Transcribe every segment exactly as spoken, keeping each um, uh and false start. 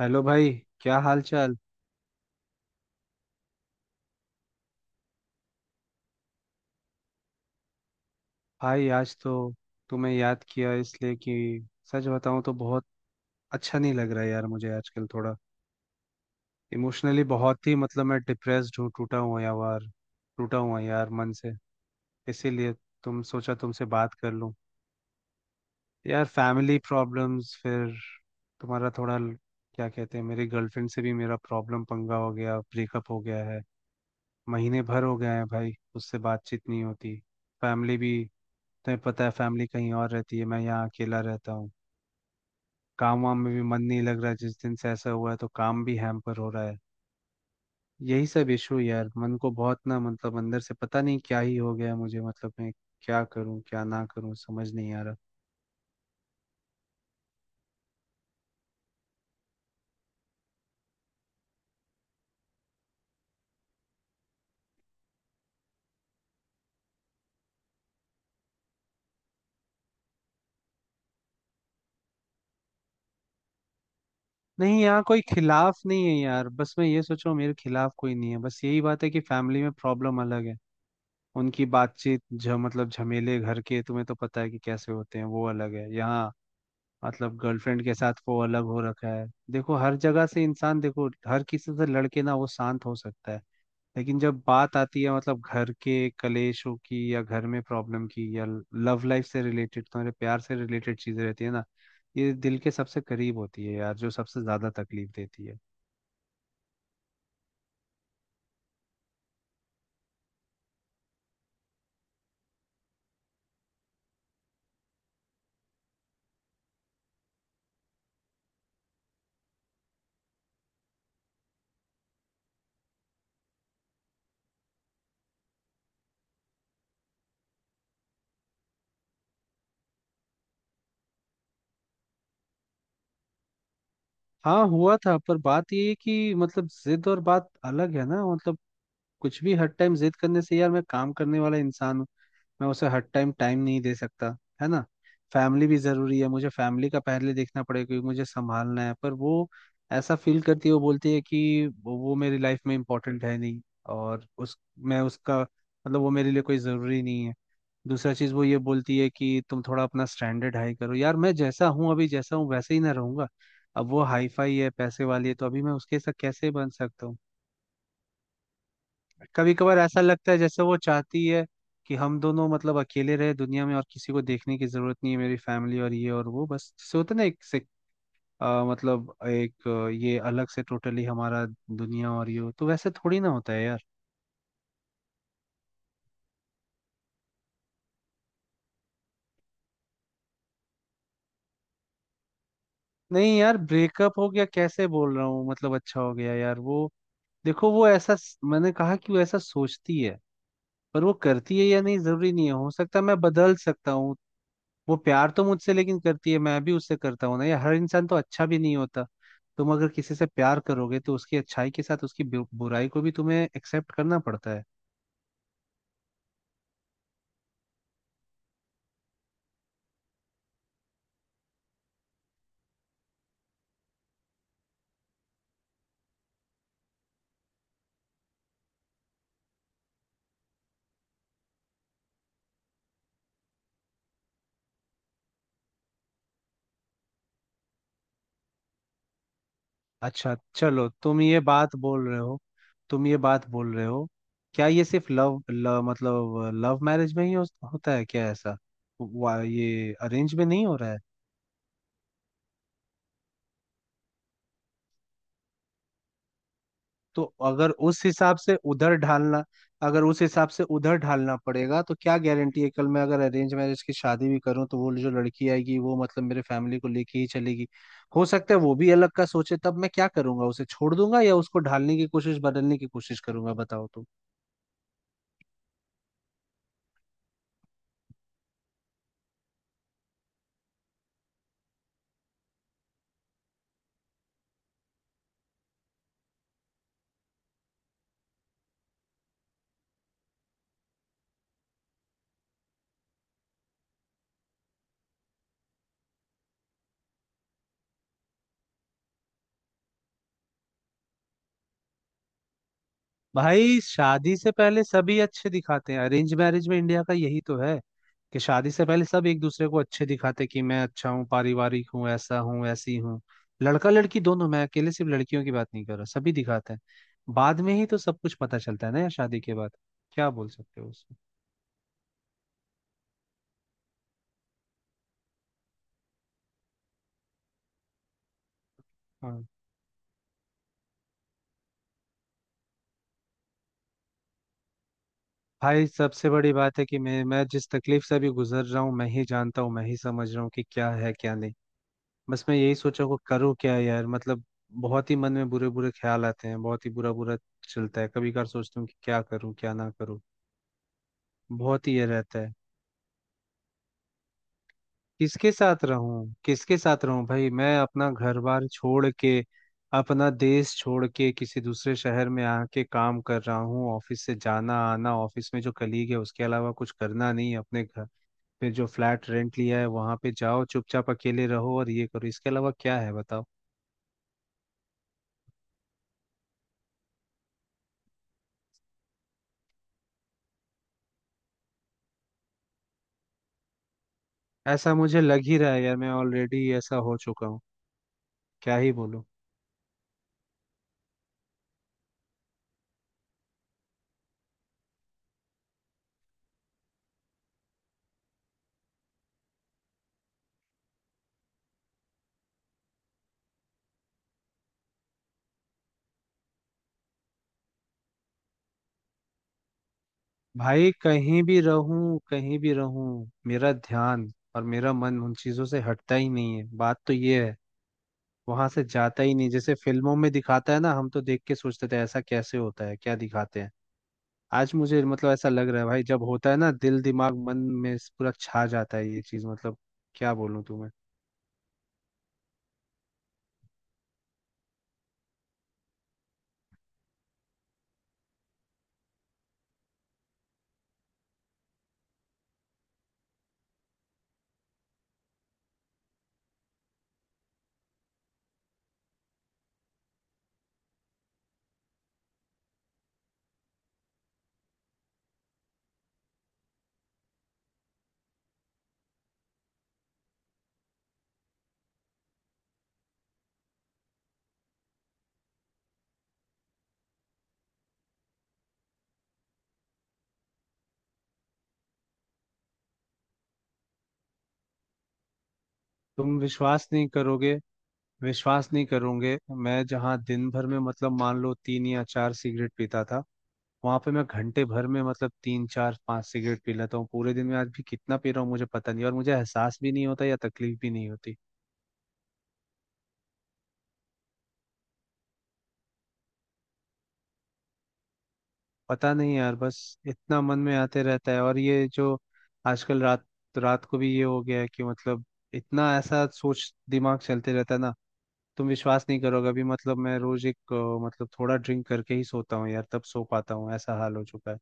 Hello भाई। क्या हाल चाल। भाई आज तो तुम्हें याद किया इसलिए कि सच बताऊं तो बहुत अच्छा नहीं लग रहा है यार मुझे आजकल थोड़ा इमोशनली बहुत ही मतलब मैं डिप्रेस्ड हूँ टूटा हुआ यार। टूटा हुआ यार मन से। इसीलिए तुम सोचा तुमसे बात कर लूं। यार फैमिली प्रॉब्लम्स, फिर तुम्हारा थोड़ा ल- क्या कहते हैं, मेरी गर्लफ्रेंड से भी मेरा प्रॉब्लम पंगा हो गया, ब्रेकअप हो गया है। महीने भर हो गए हैं भाई, उससे बातचीत नहीं होती। फैमिली भी, तुम्हें पता है फैमिली कहीं और रहती है, मैं यहाँ अकेला रहता हूँ। काम वाम में भी मन नहीं लग रहा है, जिस दिन से ऐसा हुआ है तो काम भी हैम्पर हो रहा है। यही सब इशू यार, मन को बहुत ना मतलब अंदर से पता नहीं क्या ही हो गया है मुझे, मतलब मैं क्या करूँ क्या ना करूँ समझ नहीं आ रहा। नहीं, यहाँ कोई खिलाफ नहीं है यार, बस मैं ये सोच रहा हूँ मेरे खिलाफ कोई नहीं है, बस यही बात है कि फैमिली में प्रॉब्लम अलग है। उनकी बातचीत ज मतलब झमेले घर के तुम्हें तो पता है कि कैसे होते हैं, वो अलग है। यहाँ मतलब गर्लफ्रेंड के साथ वो अलग हो रखा है। देखो हर जगह से इंसान, देखो हर किसी से लड़के ना वो शांत हो सकता है, लेकिन जब बात आती है मतलब घर के कलेशों की या घर में प्रॉब्लम की या लव लाइफ से रिलेटेड, तुम्हारे प्यार से रिलेटेड चीजें रहती है ना, ये दिल के सबसे करीब होती है यार, जो सबसे ज्यादा तकलीफ देती है। हाँ हुआ था, पर बात ये है कि मतलब जिद और बात अलग है ना। मतलब कुछ भी हर टाइम जिद करने से, यार मैं काम करने वाला इंसान हूँ, मैं उसे हर टाइम टाइम नहीं दे सकता। है ना। फैमिली भी जरूरी है, मुझे फैमिली का पहले देखना पड़ेगा क्योंकि मुझे संभालना है। पर वो ऐसा फील करती है, वो बोलती है कि वो वो मेरी लाइफ में इम्पोर्टेंट है नहीं, और उस मैं उसका मतलब वो मेरे लिए कोई ज़रूरी नहीं है। दूसरा चीज़ वो ये बोलती है कि तुम थोड़ा अपना स्टैंडर्ड हाई करो, यार मैं जैसा हूँ, अभी जैसा हूँ वैसे ही ना रहूंगा। अब वो हाई फाई है, पैसे वाली है, तो अभी मैं उसके साथ कैसे बन सकता हूँ। कभी कभार ऐसा लगता है जैसे वो चाहती है कि हम दोनों मतलब अकेले रहे दुनिया में, और किसी को देखने की जरूरत नहीं है, मेरी फैमिली और ये और वो, बस जैसे होता है ना एक से अ, मतलब एक अ, ये अलग से टोटली हमारा दुनिया और ये हो, तो वैसे थोड़ी ना होता है यार। नहीं यार, ब्रेकअप हो गया कैसे बोल रहा हूँ मतलब अच्छा हो गया यार वो, देखो वो ऐसा स- मैंने कहा कि वो ऐसा सोचती है, पर वो करती है या नहीं जरूरी नहीं है, हो सकता है मैं बदल सकता हूँ। वो प्यार तो मुझसे लेकिन करती है, मैं भी उससे करता हूँ ना यार, हर इंसान तो अच्छा भी नहीं होता। तुम अगर किसी से प्यार करोगे तो उसकी अच्छाई के साथ उसकी बु- बुराई को भी तुम्हें एक्सेप्ट करना पड़ता है। अच्छा चलो, तुम ये बात बोल रहे हो, तुम ये बात बोल रहे हो, क्या ये सिर्फ लव, लव मतलब लव मैरिज में ही हो, होता है क्या ऐसा? वा, ये अरेंज में नहीं हो रहा है? तो अगर उस हिसाब से उधर ढालना अगर उस हिसाब से उधर ढालना पड़ेगा तो क्या गारंटी है कल मैं अगर अरेंज मैरिज की शादी भी करूं तो वो जो लड़की आएगी वो मतलब मेरे फैमिली को लेके ही चलेगी? हो सकता है वो भी अलग का सोचे, तब मैं क्या करूंगा? उसे छोड़ दूंगा या उसको ढालने की कोशिश, बदलने की कोशिश करूंगा? बताओ तो। भाई शादी से पहले सभी अच्छे दिखाते हैं, अरेंज मैरिज में इंडिया का यही तो है कि शादी से पहले सब एक दूसरे को अच्छे दिखाते कि मैं अच्छा हूँ, पारिवारिक हूँ, ऐसा हूँ, ऐसी हूँ। लड़का लड़की दोनों, मैं अकेले सिर्फ लड़कियों की बात नहीं कर रहा, सभी दिखाते हैं। बाद में ही तो सब कुछ पता चलता है ना यार, शादी के बाद। क्या बोल सकते हो उसमें। हाँ। भाई सबसे बड़ी बात है कि मैं मैं जिस तकलीफ से अभी गुजर रहा हूँ मैं ही जानता हूँ, मैं ही समझ रहा हूँ कि क्या है क्या नहीं। बस मैं यही सोचा को करूँ क्या यार, मतलब बहुत ही मन में बुरे बुरे ख्याल आते हैं, बहुत ही बुरा बुरा चलता है। कभी कभार सोचता हूँ कि क्या करूँ क्या ना करूँ, बहुत ही ये रहता है। किसके साथ रहूँ, किसके साथ रहूँ भाई, मैं अपना घर बार छोड़ के, अपना देश छोड़ के, किसी दूसरे शहर में आके काम कर रहा हूँ। ऑफिस से जाना आना, ऑफिस में जो कलीग है उसके अलावा कुछ करना नहीं है, अपने घर पे जो फ्लैट रेंट लिया है वहां पे जाओ चुपचाप अकेले रहो और ये करो, इसके अलावा क्या है बताओ। ऐसा मुझे लग ही रहा है यार, मैं ऑलरेडी ऐसा हो चुका हूँ, क्या ही बोलूं। भाई कहीं भी रहूं, कहीं भी रहूं, मेरा ध्यान और मेरा मन उन चीजों से हटता ही नहीं है, बात तो ये है, वहां से जाता ही नहीं। जैसे फिल्मों में दिखाता है ना, हम तो देख के सोचते थे ऐसा कैसे होता है, क्या दिखाते हैं। आज मुझे मतलब ऐसा लग रहा है भाई, जब होता है ना दिल दिमाग मन में पूरा छा जाता है ये चीज, मतलब क्या बोलूं तुम्हें। तुम विश्वास नहीं करोगे, विश्वास नहीं करोगे, मैं जहाँ दिन भर में मतलब मान लो तीन या चार सिगरेट पीता था, वहां पे मैं घंटे भर में मतलब तीन चार पांच सिगरेट पी लेता हूँ। पूरे दिन में आज भी कितना पी रहा हूँ मुझे पता नहीं, और मुझे एहसास भी नहीं होता या तकलीफ भी नहीं होती। पता नहीं यार, बस इतना मन में आते रहता है, और ये जो आजकल रात रात को भी ये हो गया है कि मतलब इतना ऐसा सोच दिमाग चलते रहता है ना। तुम विश्वास नहीं करोगे, अभी मतलब मैं रोज एक अ, मतलब थोड़ा ड्रिंक करके ही सोता हूँ यार, तब सो पाता हूँ, ऐसा हाल हो चुका है।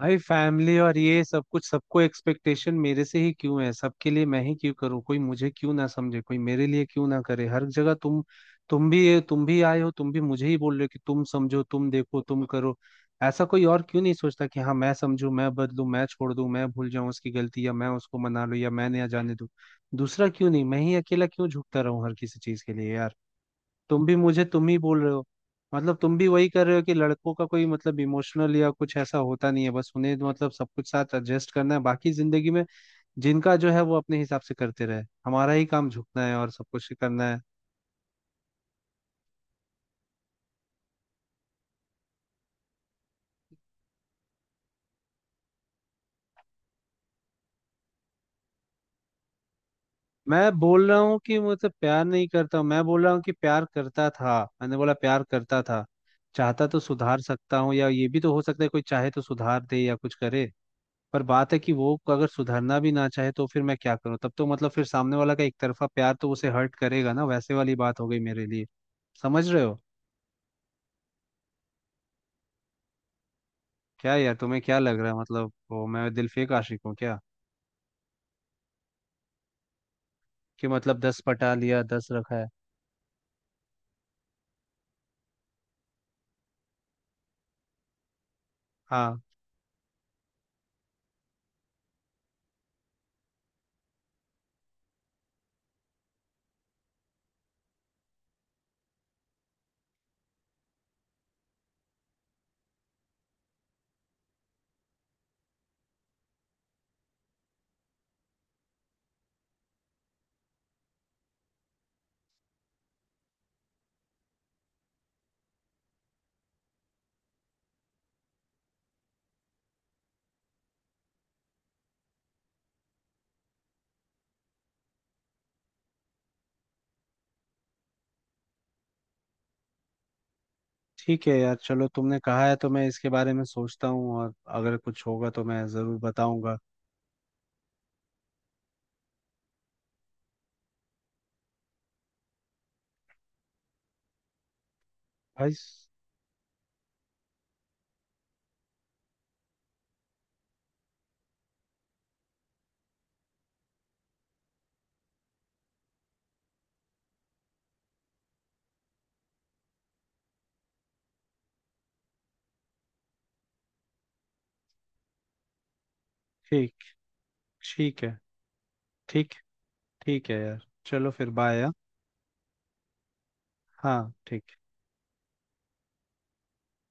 भाई फैमिली और ये सब कुछ, सबको एक्सपेक्टेशन मेरे से ही क्यों है? सबके लिए मैं ही क्यों करूँ? कोई मुझे क्यों ना समझे, कोई मेरे लिए क्यों ना करे? हर जगह तुम, तुम भी तुम भी आए हो, तुम भी मुझे ही बोल रहे हो कि तुम समझो, तुम देखो, तुम करो। ऐसा कोई और क्यों नहीं सोचता कि हाँ मैं समझू, मैं बदलू, मैं छोड़ दूं, मैं भूल जाऊं उसकी गलती, या मैं उसको मना लूं या मैं नया जाने दूं। दूसरा क्यों नहीं, मैं ही अकेला क्यों झुकता रहूं हर किसी चीज के लिए यार। तुम भी मुझे तुम ही बोल रहे हो, मतलब तुम भी वही कर रहे हो कि लड़कों का कोई मतलब इमोशनल या कुछ ऐसा होता नहीं है, बस उन्हें तो मतलब सब कुछ साथ एडजस्ट करना है बाकी जिंदगी में। जिनका जो है वो अपने हिसाब से करते रहे, हमारा ही काम झुकना है और सब कुछ करना है। मैं बोल रहा हूँ कि मतलब प्यार नहीं करता हूं। मैं बोल रहा हूँ कि प्यार करता था, मैंने बोला प्यार करता था। चाहता तो सुधार सकता हूँ, या ये भी तो हो सकता है कोई चाहे तो सुधार दे या कुछ करे। पर बात है कि वो अगर सुधरना भी ना चाहे तो फिर मैं क्या करूं? तब तो मतलब फिर सामने वाला का एक तरफा प्यार तो उसे हर्ट करेगा ना, वैसे वाली बात हो गई मेरे लिए। समझ रहे हो। क्या यार, तुम्हें क्या लग रहा है मतलब वो मैं दिलफेक आशिक हूँ क्या, कि मतलब दस पटा लिया, दस रखा है। हाँ ठीक है यार, चलो तुमने कहा है तो मैं इसके बारे में सोचता हूँ, और अगर कुछ होगा तो मैं जरूर बताऊंगा। भाई ठीक। ठीक है। ठीक। ठीक है यार, चलो फिर बाय। हाँ ठीक।